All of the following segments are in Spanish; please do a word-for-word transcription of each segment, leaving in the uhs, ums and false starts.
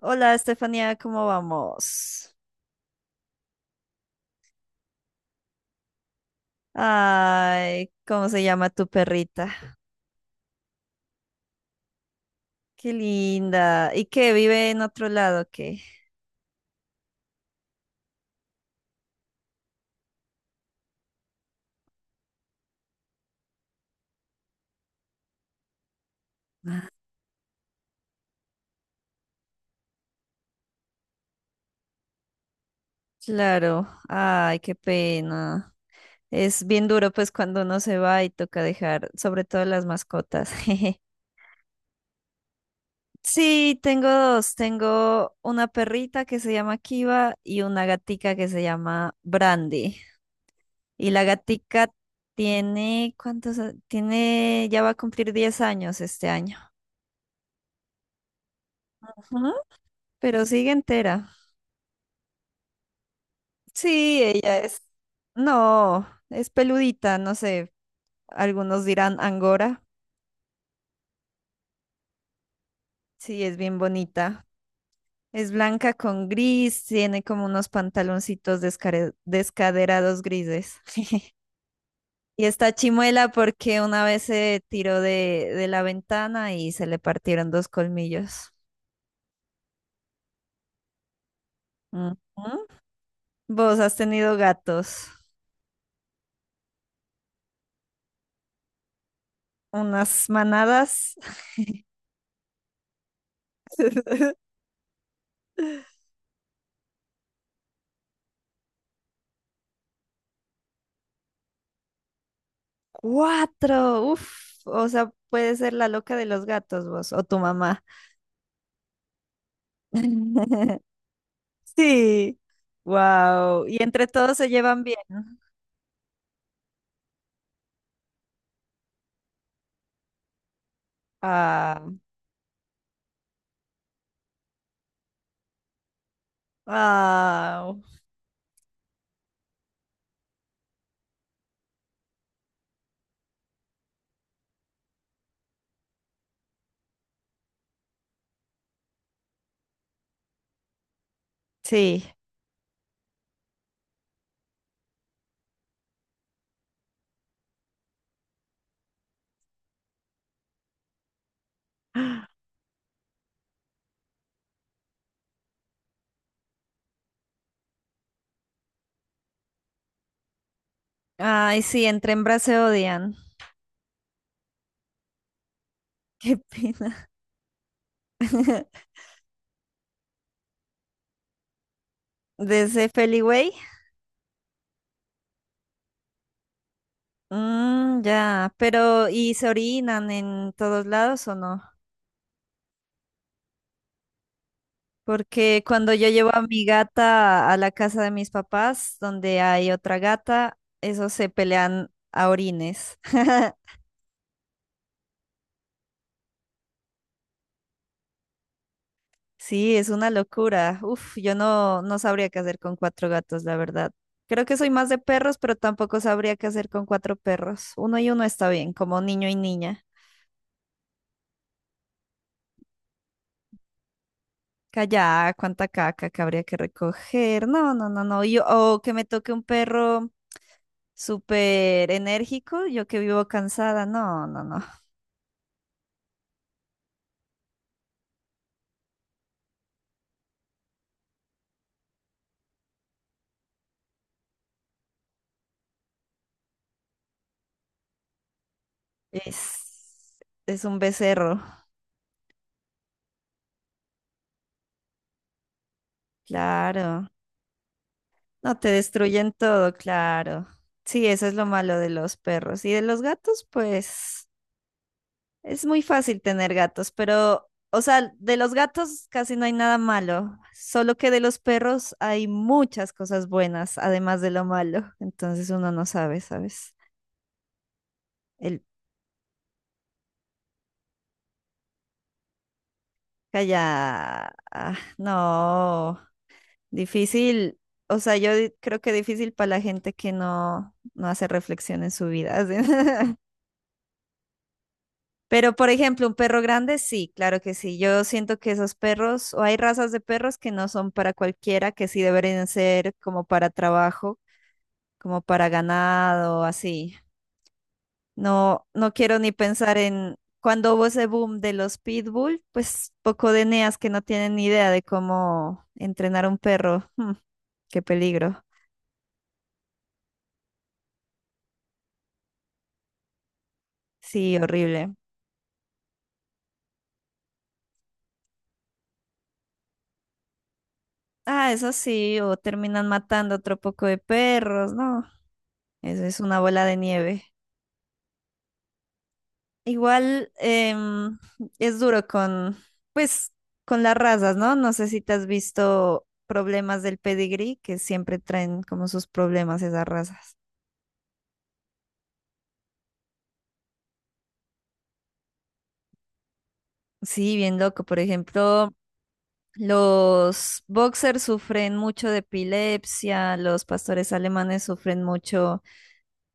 Hola, Estefanía, ¿cómo vamos? Ay, ¿cómo se llama tu perrita? Qué linda. ¿Y qué? ¿Vive en otro lado o qué? Claro. Ay, qué pena. Es bien duro, pues, cuando uno se va y toca dejar, sobre todo las mascotas. Sí, tengo dos. Tengo una perrita que se llama Kiva y una gatica que se llama Brandy. Y la gatica tiene, ¿cuántos? a- Tiene, ya va a cumplir diez años este año, pero sigue entera. Sí, ella es. No, es peludita, no sé. Algunos dirán angora. Sí, es bien bonita. Es blanca con gris, tiene como unos pantaloncitos descare- descaderados grises. Y está chimuela porque una vez se tiró de, de la ventana y se le partieron dos colmillos. Ujú. ¿Vos has tenido gatos? ¿Unas manadas? Cuatro, uf, o sea, puede ser la loca de los gatos vos o tu mamá. Sí, wow. Y entre todos se llevan bien. Ah, ah, sí. Ay, sí, entre hembras se odian. Qué pena. Desde Feliway. Mm, ya, pero ¿y se orinan en todos lados o no? Porque cuando yo llevo a mi gata a la casa de mis papás, donde hay otra gata, esos se pelean a orines. Sí, es una locura. Uf, yo no, no sabría qué hacer con cuatro gatos, la verdad. Creo que soy más de perros, pero tampoco sabría qué hacer con cuatro perros. Uno y uno está bien, como niño y niña. Calla, cuánta caca que habría que recoger. No, no, no, no. Yo, o que me toque un perro súper enérgico, yo que vivo cansada. No, no, no. Es, es un becerro, claro. No, te destruyen todo, claro. Sí, eso es lo malo de los perros. Y de los gatos, pues es muy fácil tener gatos, pero, o sea, de los gatos casi no hay nada malo, solo que de los perros hay muchas cosas buenas, además de lo malo. Entonces uno no sabe, ¿sabes? El... Calla, ah, no. Difícil, o sea, yo di- creo que difícil para la gente que no, no hace reflexión en su vida, así. Pero, por ejemplo, un perro grande, sí, claro que sí. Yo siento que esos perros, o hay razas de perros que no son para cualquiera, que sí deberían ser como para trabajo, como para ganado, así. No, no quiero ni pensar en cuando hubo ese boom de los pitbull, pues poco de neas que no tienen ni idea de cómo entrenar a un perro. Mm, qué peligro. Sí, horrible. Ah, eso sí, o terminan matando otro poco de perros, ¿no? Eso es una bola de nieve. Igual em, es duro con, pues, con las razas, ¿no? No sé si te has visto problemas del pedigrí, que siempre traen como sus problemas esas razas. Sí, bien loco. Por ejemplo, los boxers sufren mucho de epilepsia, los pastores alemanes sufren mucho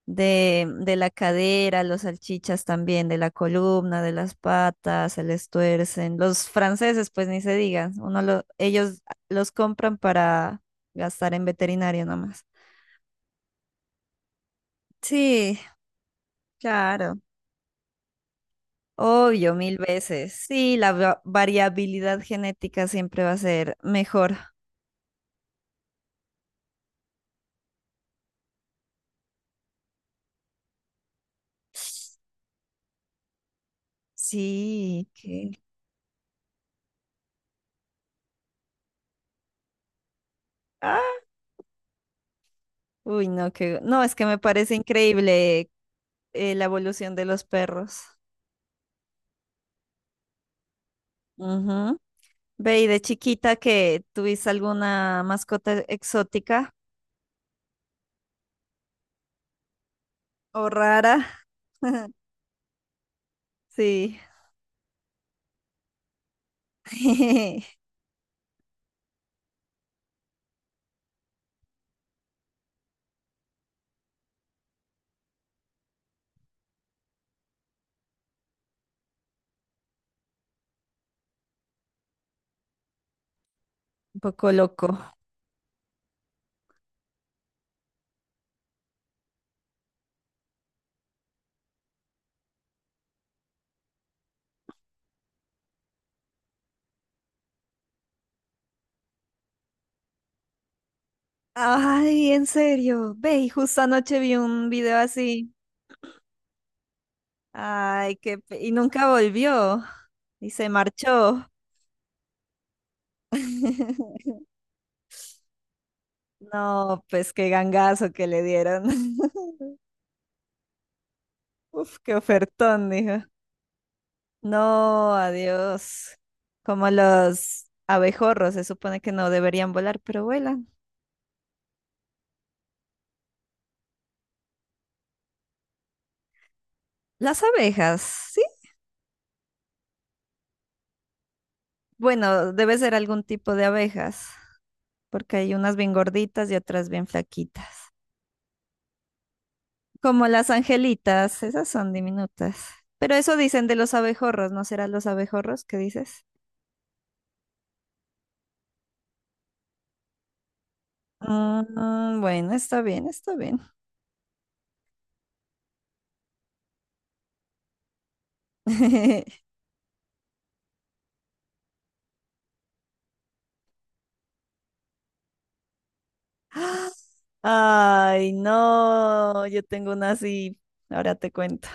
de, de la cadera, los salchichas también, de la columna, de las patas, se les tuercen. Los franceses, pues ni se digan, uno lo, ellos los compran para gastar en veterinario nomás. Sí, claro. Obvio, mil veces. Sí, la va- variabilidad genética siempre va a ser mejor. Sí, que... Ah, uy, no, que... No, es que me parece increíble eh, la evolución de los perros. Ujú. Ve, ¿y de chiquita que tuviste alguna mascota exótica o rara? Sí, un poco loco. Ay, en serio. Ve, y justo anoche vi un video así. Ay, qué... pe- Y nunca volvió. Y se marchó. No, pues qué gangazo que le dieron. Uf, qué ofertón, dijo. No, adiós. Como los abejorros, se supone que no deberían volar, pero vuelan. Las abejas, sí. Bueno, debe ser algún tipo de abejas, porque hay unas bien gorditas y otras bien flaquitas. Como las angelitas, esas son diminutas. Pero eso dicen de los abejorros, ¿no serán los abejorros que dices? Mm, bueno, está bien, está bien. Ay, no, yo tengo una así. Ahora te cuento.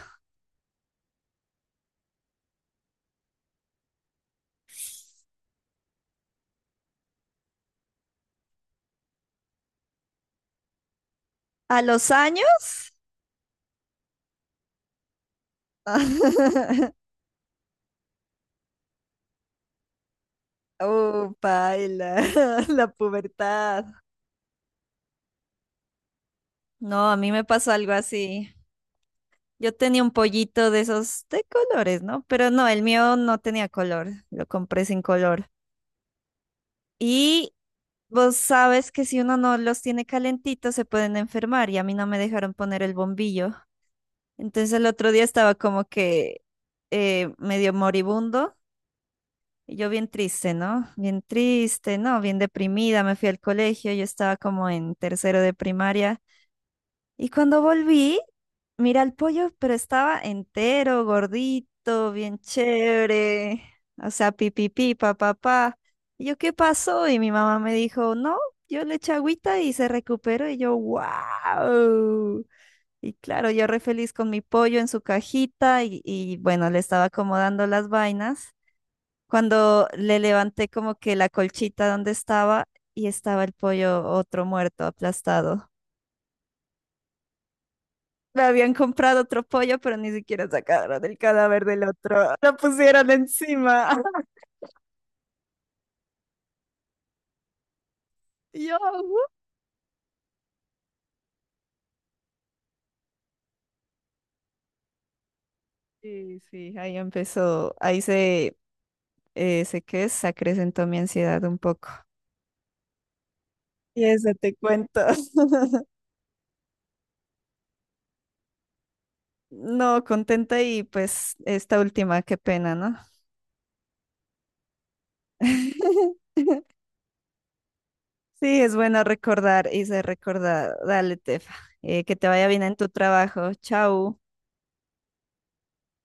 ¿A los años? Oh, paila, la pubertad. No, a mí me pasó algo así. Yo tenía un pollito de esos de colores, ¿no? Pero no, el mío no tenía color, lo compré sin color. Y vos sabes que si uno no los tiene calentitos se pueden enfermar y a mí no me dejaron poner el bombillo. Entonces el otro día estaba como que eh, medio moribundo y yo bien triste, ¿no? Bien triste, ¿no? Bien deprimida, me fui al colegio, yo estaba como en tercero de primaria. Y cuando volví, mira el pollo, pero estaba entero, gordito, bien chévere. O sea, pipipi, papá, papá. Y yo, ¿qué pasó? Y mi mamá me dijo, no, yo le eché agüita y se recuperó. Y yo, wow. Y claro, yo re feliz con mi pollo en su cajita y, y bueno, le estaba acomodando las vainas. Cuando le levanté como que la colchita donde estaba y estaba el pollo otro muerto, aplastado. Me habían comprado otro pollo, pero ni siquiera sacaron el cadáver del otro. Lo pusieron encima. Y yo, "What?". Y sí, ahí empezó, ahí se, eh, sé que se acrecentó mi ansiedad un poco. Y eso te cuento. No, contenta y pues esta última, qué pena, ¿no? Sí, es bueno recordar, y se recordar. Dale, Tefa. Eh, que te vaya bien en tu trabajo. Chau.